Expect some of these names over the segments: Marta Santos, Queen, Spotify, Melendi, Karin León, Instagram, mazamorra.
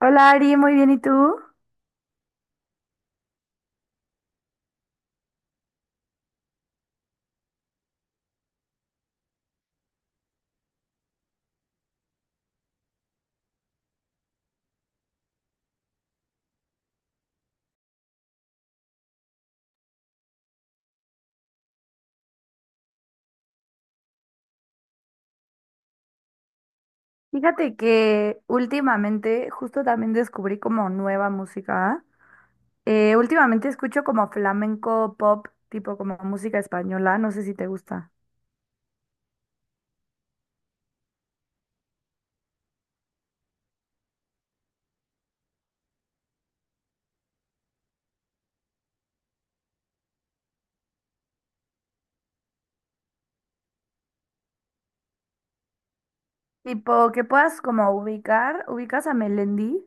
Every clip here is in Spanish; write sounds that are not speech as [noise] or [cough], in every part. Hola Ari, muy bien, ¿y tú? Fíjate que últimamente justo también descubrí como nueva música. Últimamente escucho como flamenco pop, tipo como música española, no sé si te gusta. Tipo que puedas como ubicas a Melendi.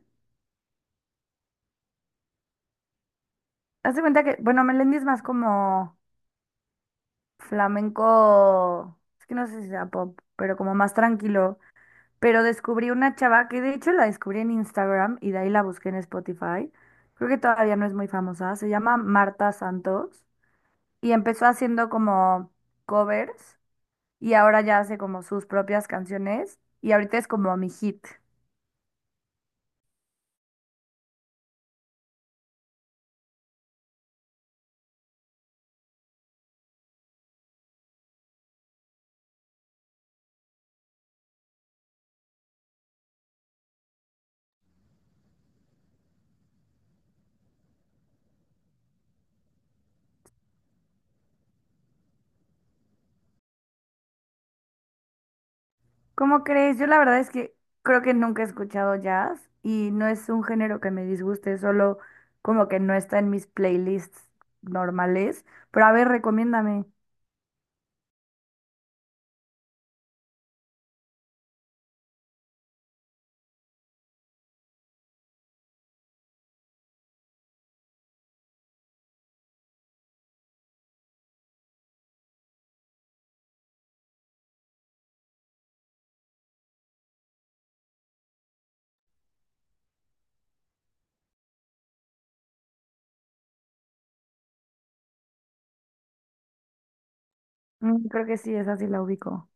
Hazte cuenta que, bueno, Melendi es más como flamenco, es que no sé si sea pop, pero como más tranquilo. Pero descubrí una chava que de hecho la descubrí en Instagram y de ahí la busqué en Spotify. Creo que todavía no es muy famosa. Se llama Marta Santos y empezó haciendo como covers y ahora ya hace como sus propias canciones y ahorita es como mi hit. ¿Cómo crees? Yo la verdad es que creo que nunca he escuchado jazz y no es un género que me disguste, solo como que no está en mis playlists normales. Pero a ver, recomiéndame. Mm, creo que sí, esa sí la ubico.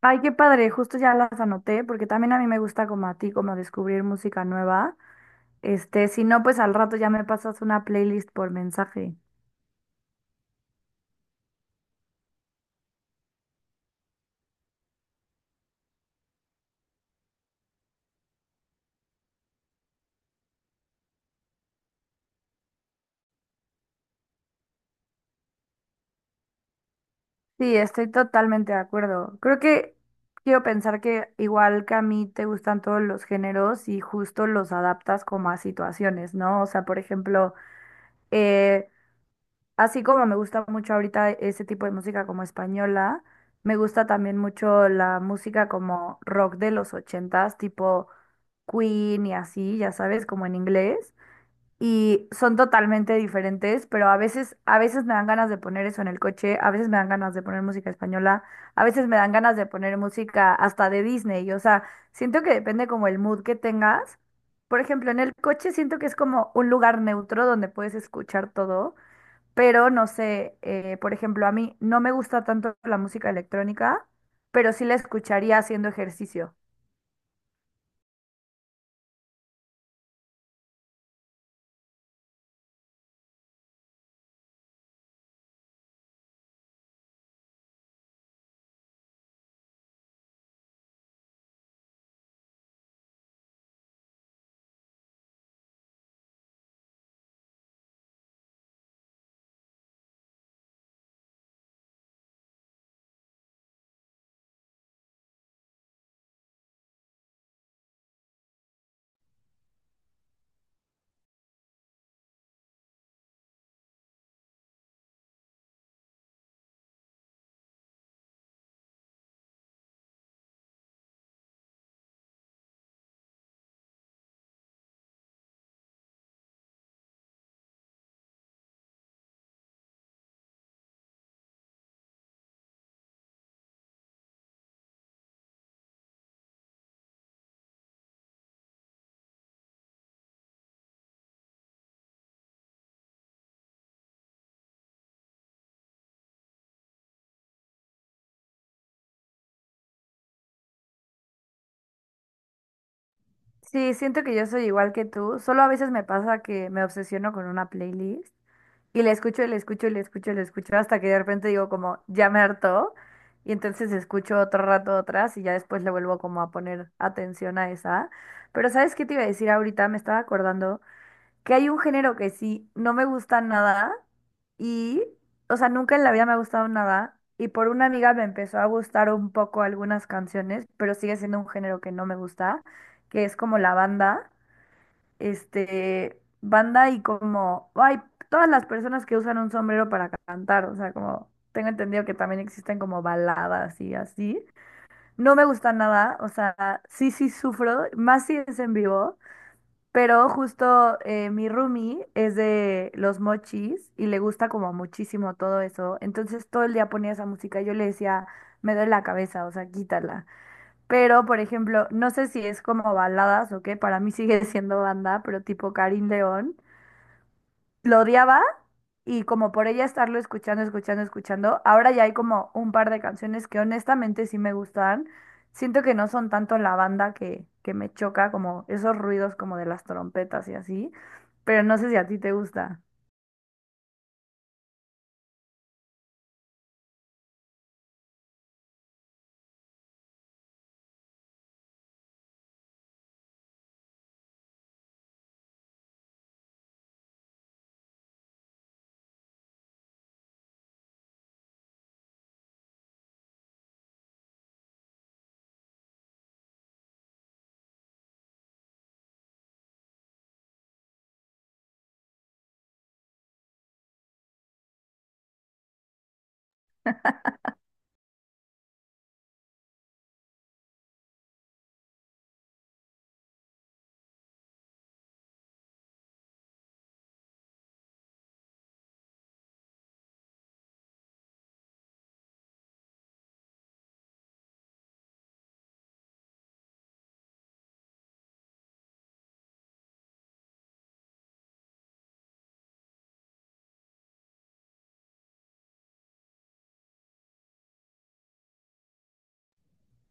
Ay, qué padre, justo ya las anoté, porque también a mí me gusta como a ti, como descubrir música nueva. Este, si no, pues al rato ya me pasas una playlist por mensaje. Sí, estoy totalmente de acuerdo. Creo que quiero pensar que igual que a mí te gustan todos los géneros y justo los adaptas como a situaciones, ¿no? O sea, por ejemplo, eh, así como me gusta mucho ahorita ese tipo de música como española, me gusta también mucho la música como rock de los 80s, tipo Queen y así, ya sabes, como en inglés. Y son totalmente diferentes, pero a veces me dan ganas de poner eso en el coche, a veces me dan ganas de poner música española, a veces me dan ganas de poner música hasta de Disney. O sea, siento que depende como el mood que tengas. Por ejemplo, en el coche siento que es como un lugar neutro donde puedes escuchar todo, pero no sé, por ejemplo, a mí no me gusta tanto la música electrónica, pero sí la escucharía haciendo ejercicio. Sí, siento que yo soy igual que tú, solo a veces me pasa que me obsesiono con una playlist y la escucho y la escucho y la escucho y la escucho hasta que de repente digo como, ya me hartó, y entonces escucho otro rato otras y ya después le vuelvo como a poner atención a esa. Pero ¿sabes qué te iba a decir ahorita? Me estaba acordando. Que hay un género que sí, no me gusta nada y, o sea, nunca en la vida me ha gustado nada y por una amiga me empezó a gustar un poco algunas canciones, pero sigue siendo un género que no me gusta, que es como la banda, este, banda y como, ay, todas las personas que usan un sombrero para cantar, o sea, como tengo entendido que también existen como baladas y así, no me gusta nada, o sea, sí, sí sufro, más si es en vivo. Pero justo mi roomie es de los mochis y le gusta como muchísimo todo eso. Entonces todo el día ponía esa música y yo le decía, me duele la cabeza, o sea, quítala. Pero, por ejemplo, no sé si es como baladas o qué, para mí sigue [laughs] siendo banda, pero tipo Karin León, lo odiaba, y como por ella estarlo escuchando, ahora ya hay como un par de canciones que honestamente sí me gustan. Siento que no son tanto la banda que me choca, como esos ruidos como de las trompetas y así, pero no sé si a ti te gusta.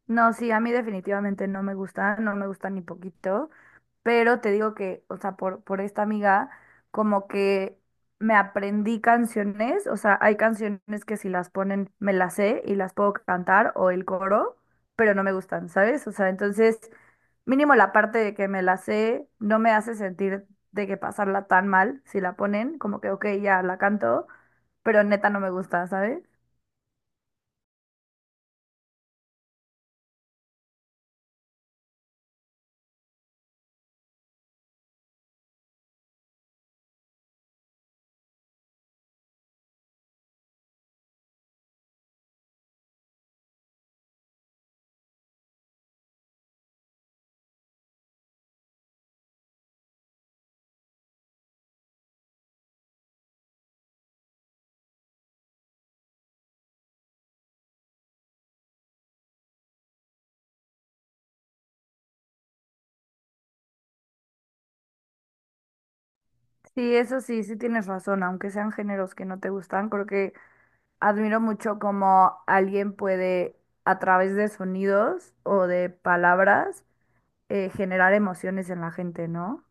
No, sí, a mí definitivamente no me gusta, no me gusta ni poquito, pero te digo que, o sea, por esta amiga, como que me aprendí canciones, o sea, hay canciones que si las ponen me las sé y las puedo cantar o el coro, pero no me gustan, ¿sabes? O sea, entonces, mínimo la parte de que me la sé no me hace sentir de que pasarla tan mal si la ponen, como que, ok, ya la canto, pero neta no me gusta, ¿sabes? Sí, eso sí, sí tienes razón, aunque sean géneros que no te gustan, creo que admiro mucho cómo alguien puede, a través de sonidos o de palabras, generar emociones en la gente, ¿no?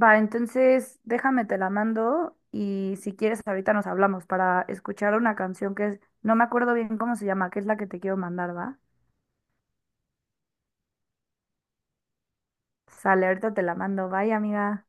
Va, entonces déjame, te la mando y si quieres ahorita nos hablamos para escuchar una canción que es, no me acuerdo bien cómo se llama, que es la que te quiero mandar, ¿va? Sale, ahorita te la mando, bye amiga.